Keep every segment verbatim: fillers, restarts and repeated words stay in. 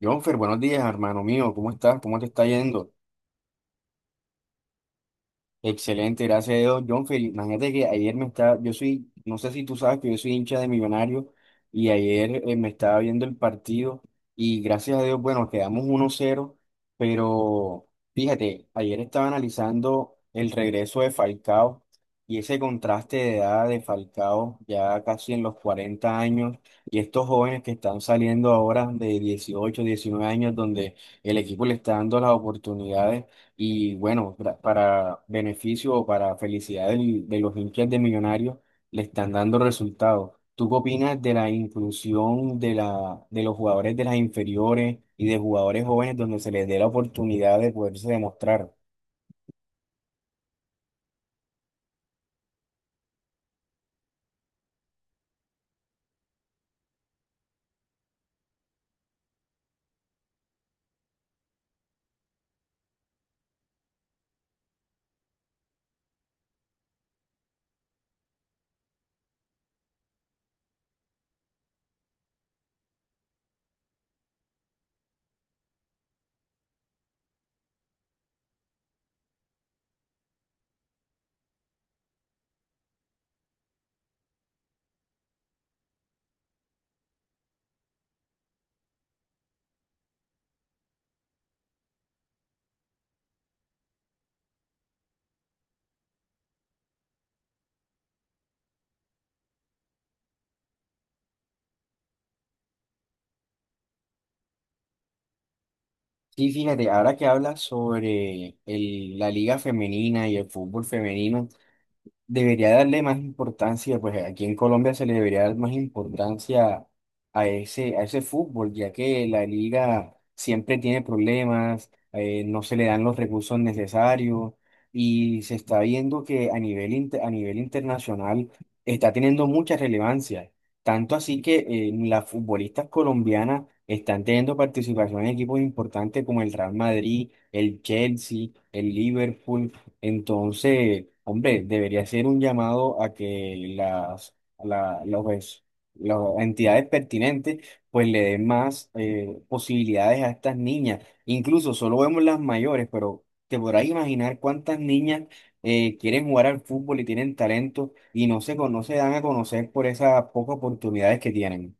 Jonfer, buenos días, hermano mío. ¿Cómo estás? ¿Cómo te está yendo? Excelente, gracias a Dios. John, Felipe, imagínate que ayer me estaba, yo soy, no sé si tú sabes que yo soy hincha de Millonarios y ayer eh, me estaba viendo el partido y gracias a Dios, bueno, quedamos uno cero pero fíjate, ayer estaba analizando el regreso de Falcao y ese contraste de edad de Falcao ya casi en los cuarenta años y estos jóvenes que están saliendo ahora de dieciocho diecinueve años donde el equipo le está dando las oportunidades. Y bueno, pra- para beneficio o para felicidad del- de los hinchas de Millonarios, le están dando resultados. ¿Tú qué opinas de la inclusión de la, de los jugadores de las inferiores y de jugadores jóvenes donde se les dé la oportunidad de poderse demostrar? Sí, fíjate, ahora que hablas sobre el- la liga femenina y el fútbol femenino. Debería darle más importancia, pues aquí en Colombia se le debería dar más importancia a ese, a ese fútbol, ya que la liga siempre tiene problemas, eh, no se le dan los recursos necesarios y se está viendo que a nivel, inter- a nivel internacional está teniendo mucha relevancia, tanto así que eh, las futbolistas colombianas están teniendo participación en equipos importantes como el Real Madrid, el Chelsea, el Liverpool. Entonces, hombre, debería ser un llamado a que las, la- los es- las entidades pertinentes pues le den más eh, posibilidades a estas niñas. Incluso solo vemos las mayores, pero te podrás imaginar cuántas niñas eh, quieren jugar al fútbol y tienen talento y no se, cono- no se dan a conocer por esas pocas oportunidades que tienen.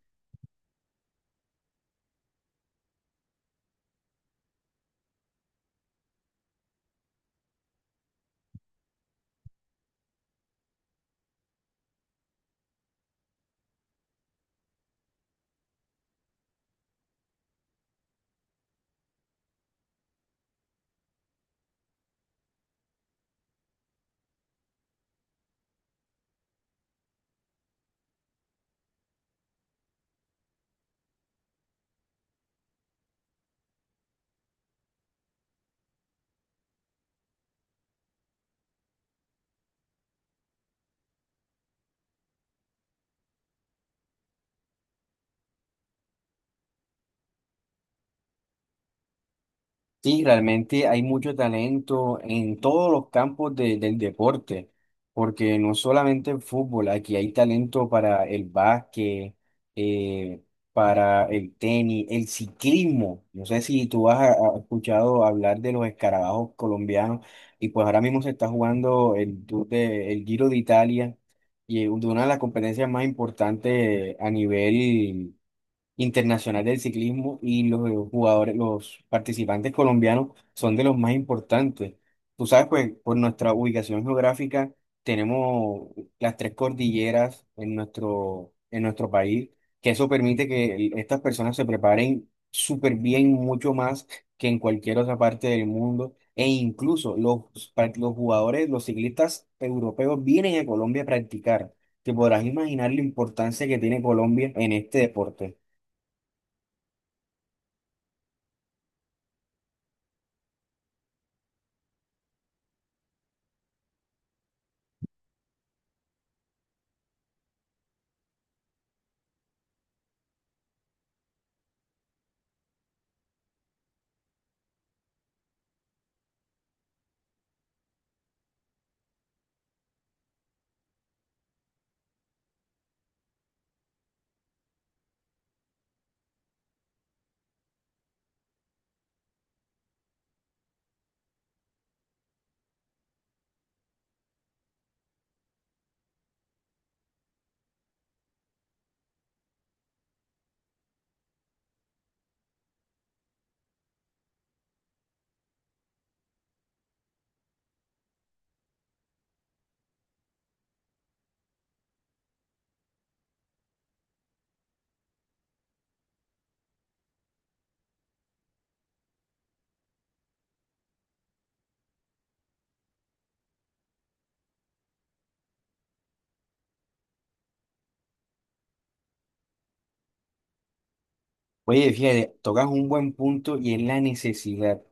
Sí, realmente hay mucho talento en todos los campos de- del deporte, porque no solamente el fútbol, aquí hay talento para el básquet, eh, para el tenis, el ciclismo. No sé si tú has a- a- escuchado hablar de los escarabajos colombianos, y pues ahora mismo se está jugando el, Tour de- el Giro de Italia, y es una de las competencias más importantes a nivel internacional del ciclismo y los jugadores, los participantes colombianos son de los más importantes. Tú sabes, pues por nuestra ubicación geográfica tenemos las tres cordilleras en nuestro, en nuestro país, que eso permite que el- estas personas se preparen súper bien, mucho más que en cualquier otra parte del mundo. E incluso los, pa- los jugadores, los ciclistas europeos vienen a Colombia a practicar. Te podrás imaginar la importancia que tiene Colombia en este deporte. Oye, fíjate, tocas un buen punto y es la necesidad.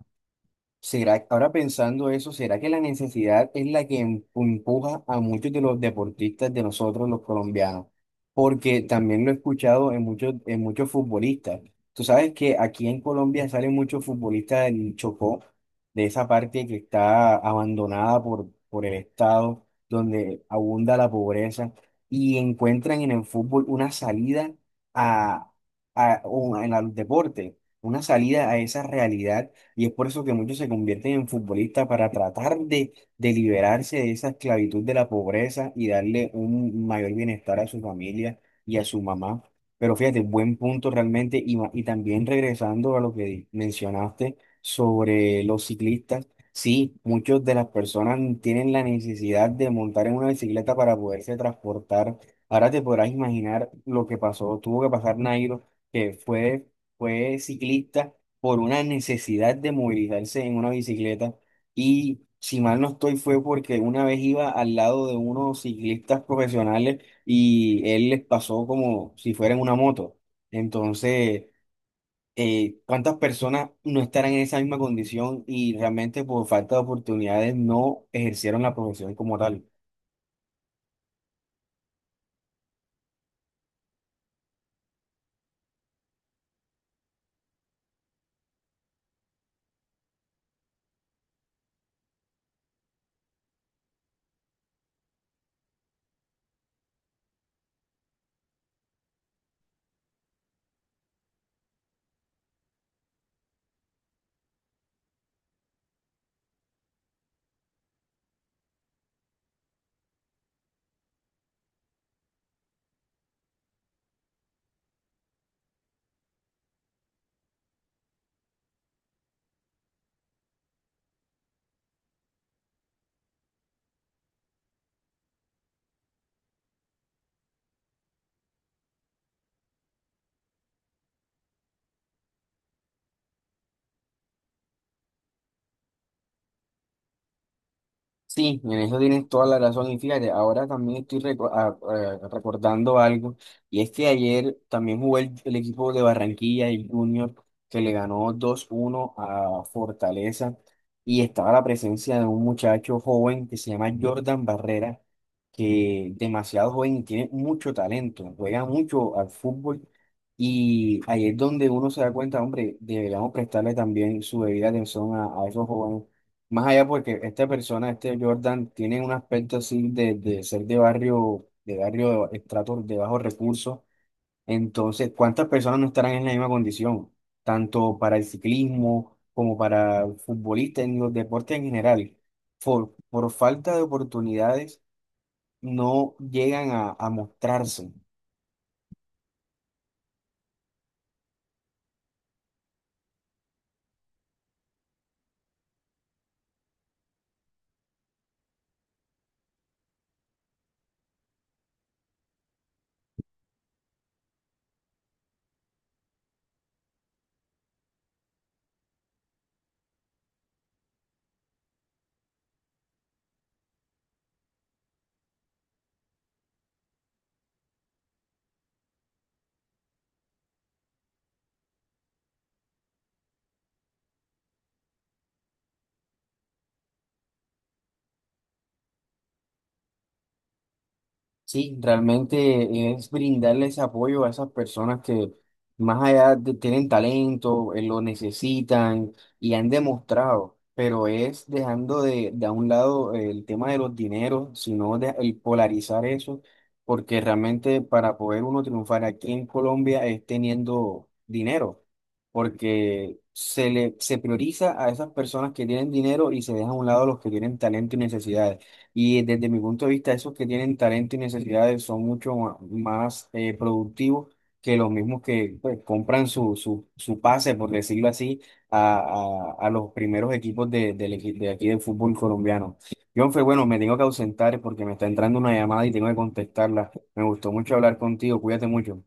¿Será, ahora pensando eso, será que la necesidad es la que em- empuja a muchos de los deportistas de nosotros, los colombianos? Porque también lo he escuchado en muchos, en muchos futbolistas. Tú sabes que aquí en Colombia salen muchos futbolistas del Chocó, de esa parte que está abandonada por, por el Estado, donde abunda la pobreza, y encuentran en el fútbol una salida a, a, o en el deporte, una salida a esa realidad y es por eso que muchos se convierten en futbolistas para tratar de, de liberarse de esa esclavitud de la pobreza y darle un mayor bienestar a su familia y a su mamá. Pero fíjate, buen punto realmente. Y, ma- y también regresando a lo que di- mencionaste sobre los ciclistas, sí, muchas de las personas tienen la necesidad de montar en una bicicleta para poderse transportar. Ahora te podrás imaginar lo que pasó, tuvo que pasar Nairo, que fue, fue ciclista por una necesidad de movilizarse en una bicicleta. Y si mal no estoy, fue porque una vez iba al lado de unos ciclistas profesionales y él les pasó como si fuera en una moto. Entonces, eh, ¿cuántas personas no estarán en esa misma condición y realmente por falta de oportunidades no ejercieron la profesión como tal? Sí, en eso tienes toda la razón. Y fíjate, ahora también estoy reco- a- a- recordando algo, y es que ayer también jugó el, el equipo de Barranquilla, el Junior, que le ganó dos uno a Fortaleza, y estaba la presencia de un muchacho joven que se llama Jordan Barrera, que demasiado joven y tiene mucho talento, juega mucho al fútbol, y ahí es donde uno se da cuenta, hombre, deberíamos prestarle también su debida atención a, a esos jóvenes más allá porque esta persona, este Jordan, tiene un aspecto así de, de ser de barrio, de barrio de estrato de bajos recursos. Entonces, ¿cuántas personas no estarán en la misma condición? Tanto para el ciclismo como para futbolistas en los deportes en general. Por, por falta de oportunidades no llegan a, a mostrarse. Sí, realmente es brindarles apoyo a esas personas que más allá de, tienen talento, eh, lo necesitan y han demostrado, pero es dejando de, de a un lado el tema de los dineros, sino de, el polarizar eso, porque realmente para poder uno triunfar aquí en Colombia es teniendo dinero, porque se le, se prioriza a esas personas que tienen dinero y se deja a un lado a los que tienen talento y necesidades. Y desde mi punto de vista, esos que tienen talento y necesidades son mucho ma- más eh, productivos que los mismos que pues, compran su, su, su pase, por decirlo así, a, a- a los primeros equipos de, del equi- de aquí del fútbol colombiano. John, fue bueno, me tengo que ausentar porque me está entrando una llamada y tengo que contestarla. Me gustó mucho hablar contigo, cuídate mucho.